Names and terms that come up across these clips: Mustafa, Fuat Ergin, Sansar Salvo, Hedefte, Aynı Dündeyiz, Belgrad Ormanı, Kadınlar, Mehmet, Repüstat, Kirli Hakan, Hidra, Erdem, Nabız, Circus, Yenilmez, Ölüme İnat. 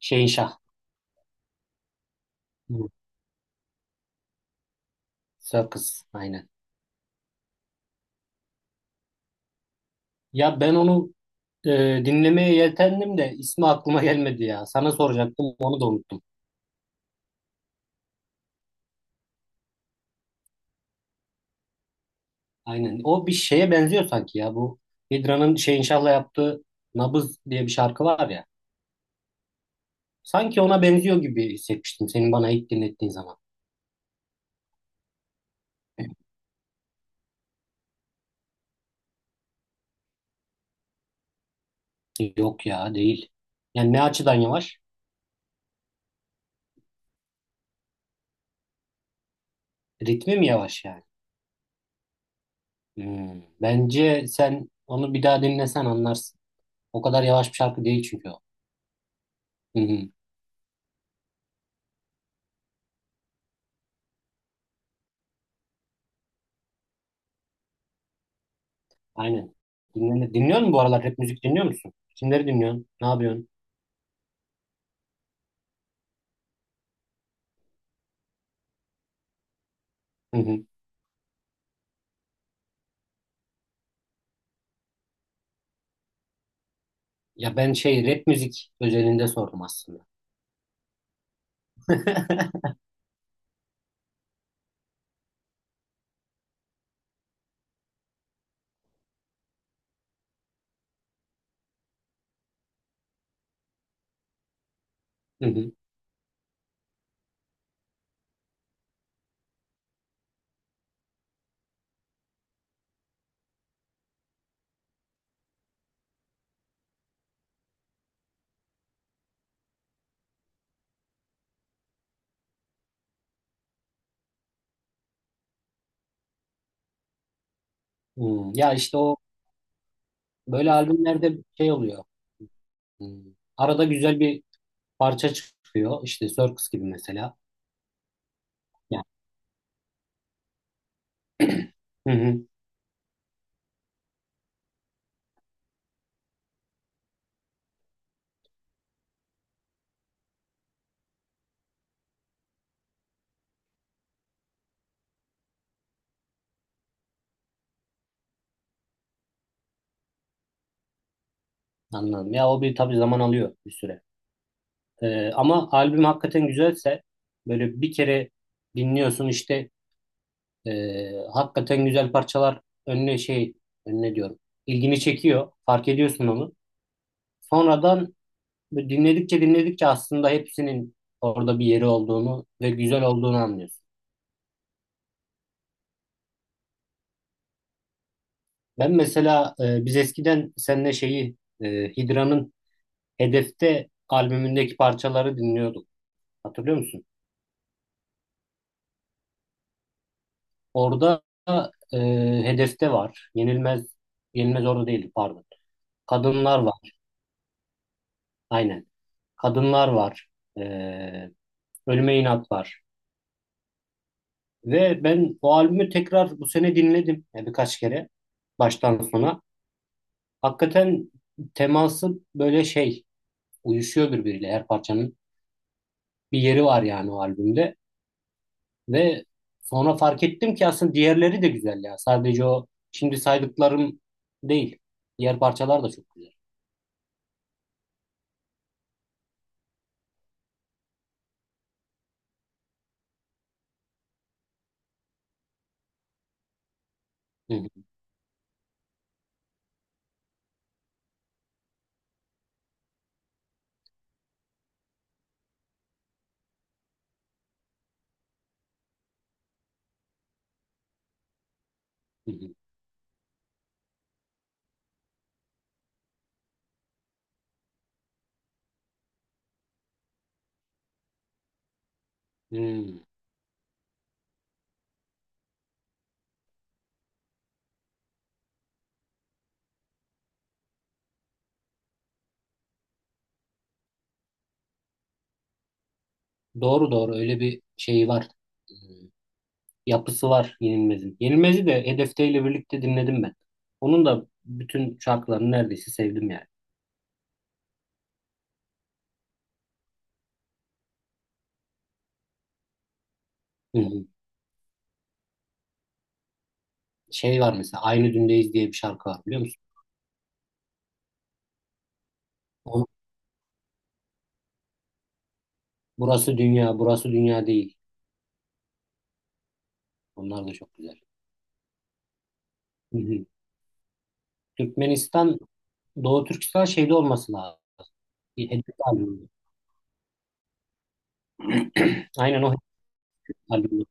Şehinşah. Hı, Circus. Aynen. Ya ben onu dinlemeye yeltendim de ismi aklıma gelmedi ya. Sana soracaktım onu da unuttum. Aynen. O bir şeye benziyor sanki ya. Bu Hidra'nın Şehinşah'la yaptığı Nabız diye bir şarkı var ya. Sanki ona benziyor gibi hissetmiştim senin bana ilk dinlettiğin zaman. Yok ya değil. Yani ne açıdan yavaş? Ritmi mi yavaş yani? Bence sen onu bir daha dinlesen anlarsın. O kadar yavaş bir şarkı değil çünkü o. Hı hı. Aynen. Dinle, dinliyor musun bu aralar rap müzik dinliyor musun? Kimleri dinliyorsun? Ne yapıyorsun? Hı hı. Ya ben şey rap müzik özelinde sordum aslında. Hı hı. Hmm. Ya işte o böyle albümlerde şey oluyor. Hmm. Arada güzel bir parça çıkıyor. İşte Circus gibi mesela. Ya. Hı hı. Anladım. Ya o bir tabii zaman alıyor bir süre. Ama albüm hakikaten güzelse böyle bir kere dinliyorsun işte. Hakikaten güzel parçalar önüne şey önüne diyorum. İlgini çekiyor. Fark ediyorsun onu. Sonradan böyle dinledikçe dinledikçe aslında hepsinin orada bir yeri olduğunu ve güzel olduğunu anlıyorsun. Ben mesela biz eskiden seninle şeyi Hidra'nın Hedefte albümündeki parçaları dinliyorduk. Hatırlıyor musun? Orada e, Hedefte var. Yenilmez orada değildi, pardon. Kadınlar var. Aynen. Kadınlar var. E, Ölüme İnat var. Ve ben o albümü tekrar bu sene dinledim yani birkaç kere baştan sona. Hakikaten teması böyle şey uyuşuyor birbiriyle, her parçanın bir yeri var yani o albümde. Ve sonra fark ettim ki aslında diğerleri de güzel ya. Sadece o şimdi saydıklarım değil. Diğer parçalar da çok güzel. Hı hı, hı hı. Hmm. Doğru doğru, öyle bir şey var. Hmm. Yapısı var Yenilmez'in. Yenilmez'i de Hedefte ile birlikte dinledim ben. Onun da bütün şarkılarını neredeyse sevdim yani. Hı hı. Şey var mesela, Aynı Dündeyiz diye bir şarkı var, biliyor musun? Onu- burası dünya, burası dünya değil. Onlar da çok güzel. Hı hı. Türkmenistan, Doğu Türkistan şeyde olması lazım. Bir Hedef albümü. Aynen o Hedef albümü.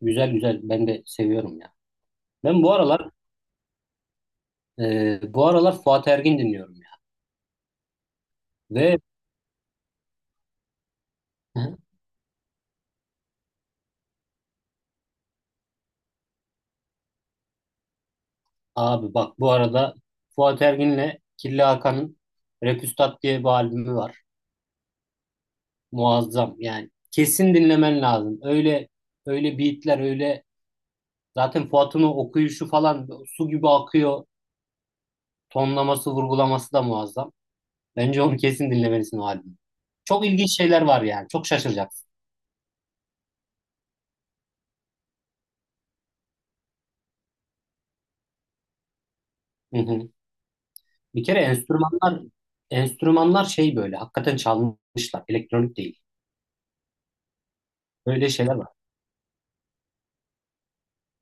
Güzel güzel, ben de seviyorum ya. Ben bu aralar bu aralar Fuat Ergin dinliyorum ya. Ve abi bak bu arada, Fuat Ergin'le Kirli Hakan'ın Repüstat diye bir albümü var. Muazzam yani. Kesin dinlemen lazım. Öyle öyle beatler, öyle zaten Fuat'ın o okuyuşu falan su gibi akıyor. Tonlaması, vurgulaması da muazzam. Bence onu kesin dinlemelisin, o albümü. Çok ilginç şeyler var yani. Çok şaşıracaksın. Hı hı. Bir kere enstrümanlar şey böyle hakikaten çalmışlar. Elektronik değil. Böyle şeyler var.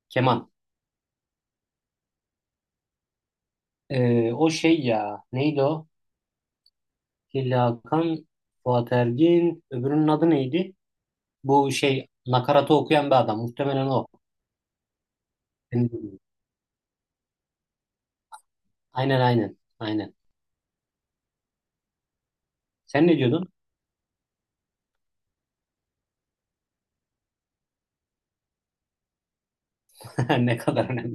Keman. O şey ya neydi o? Hilli Hakan, Fuat Ergin, öbürünün adı neydi? Bu şey nakaratı okuyan bir adam. Muhtemelen o. Aynen aynen. Aynen. Sen ne diyordun? Ne kadar önemli.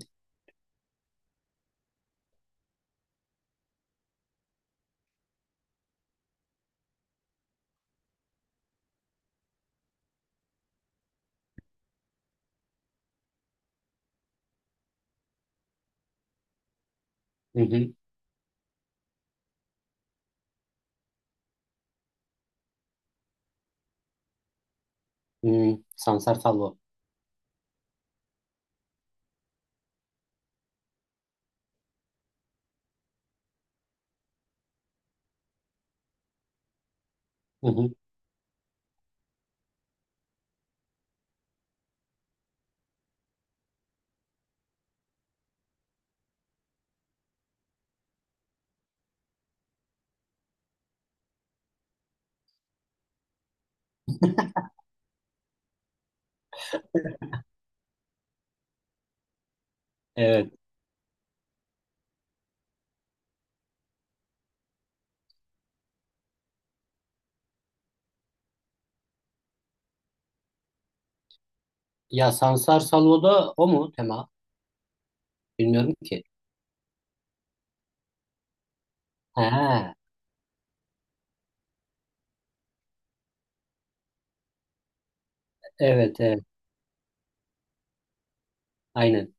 Hı hı. Hı. Sansar Salvo. Hı hı. Evet. Ya Sansar Salvo da o mu tema? Bilmiyorum ki. Ha, evet, evet. Aynen.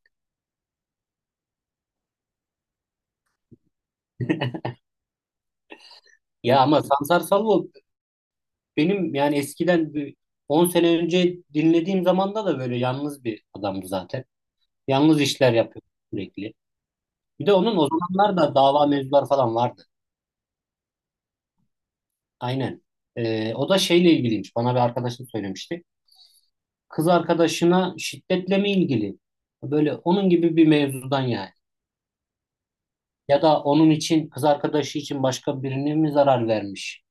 Ya ama Sansar Salvo benim yani eskiden, bir 10 sene önce dinlediğim zamanda da böyle yalnız bir adamdı zaten. Yalnız işler yapıyor sürekli. Bir de onun o zamanlar da dava mevzuları falan vardı. Aynen. O da şeyle ilgiliymiş. Bana bir arkadaşım söylemişti. Kız arkadaşına şiddetle mi ilgili? Böyle onun gibi bir mevzudan yani. Ya da onun için, kız arkadaşı için başka birine mi zarar vermiş?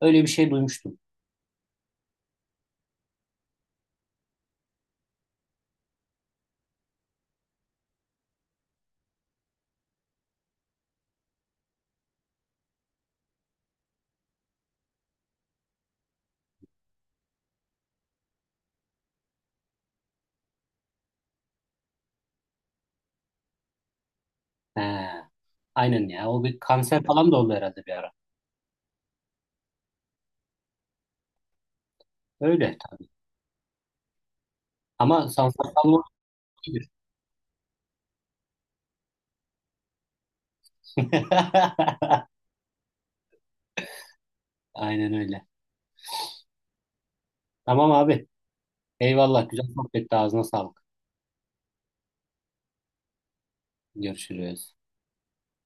Öyle bir şey duymuştum. He, aynen ya. O bir kanser falan da oldu herhalde bir ara. Öyle tabii. Ama sansasyonlu iyidir. Aynen öyle. Tamam abi. Eyvallah. Güzel sohbetti. Ağzına sağlık. Görüşürüz.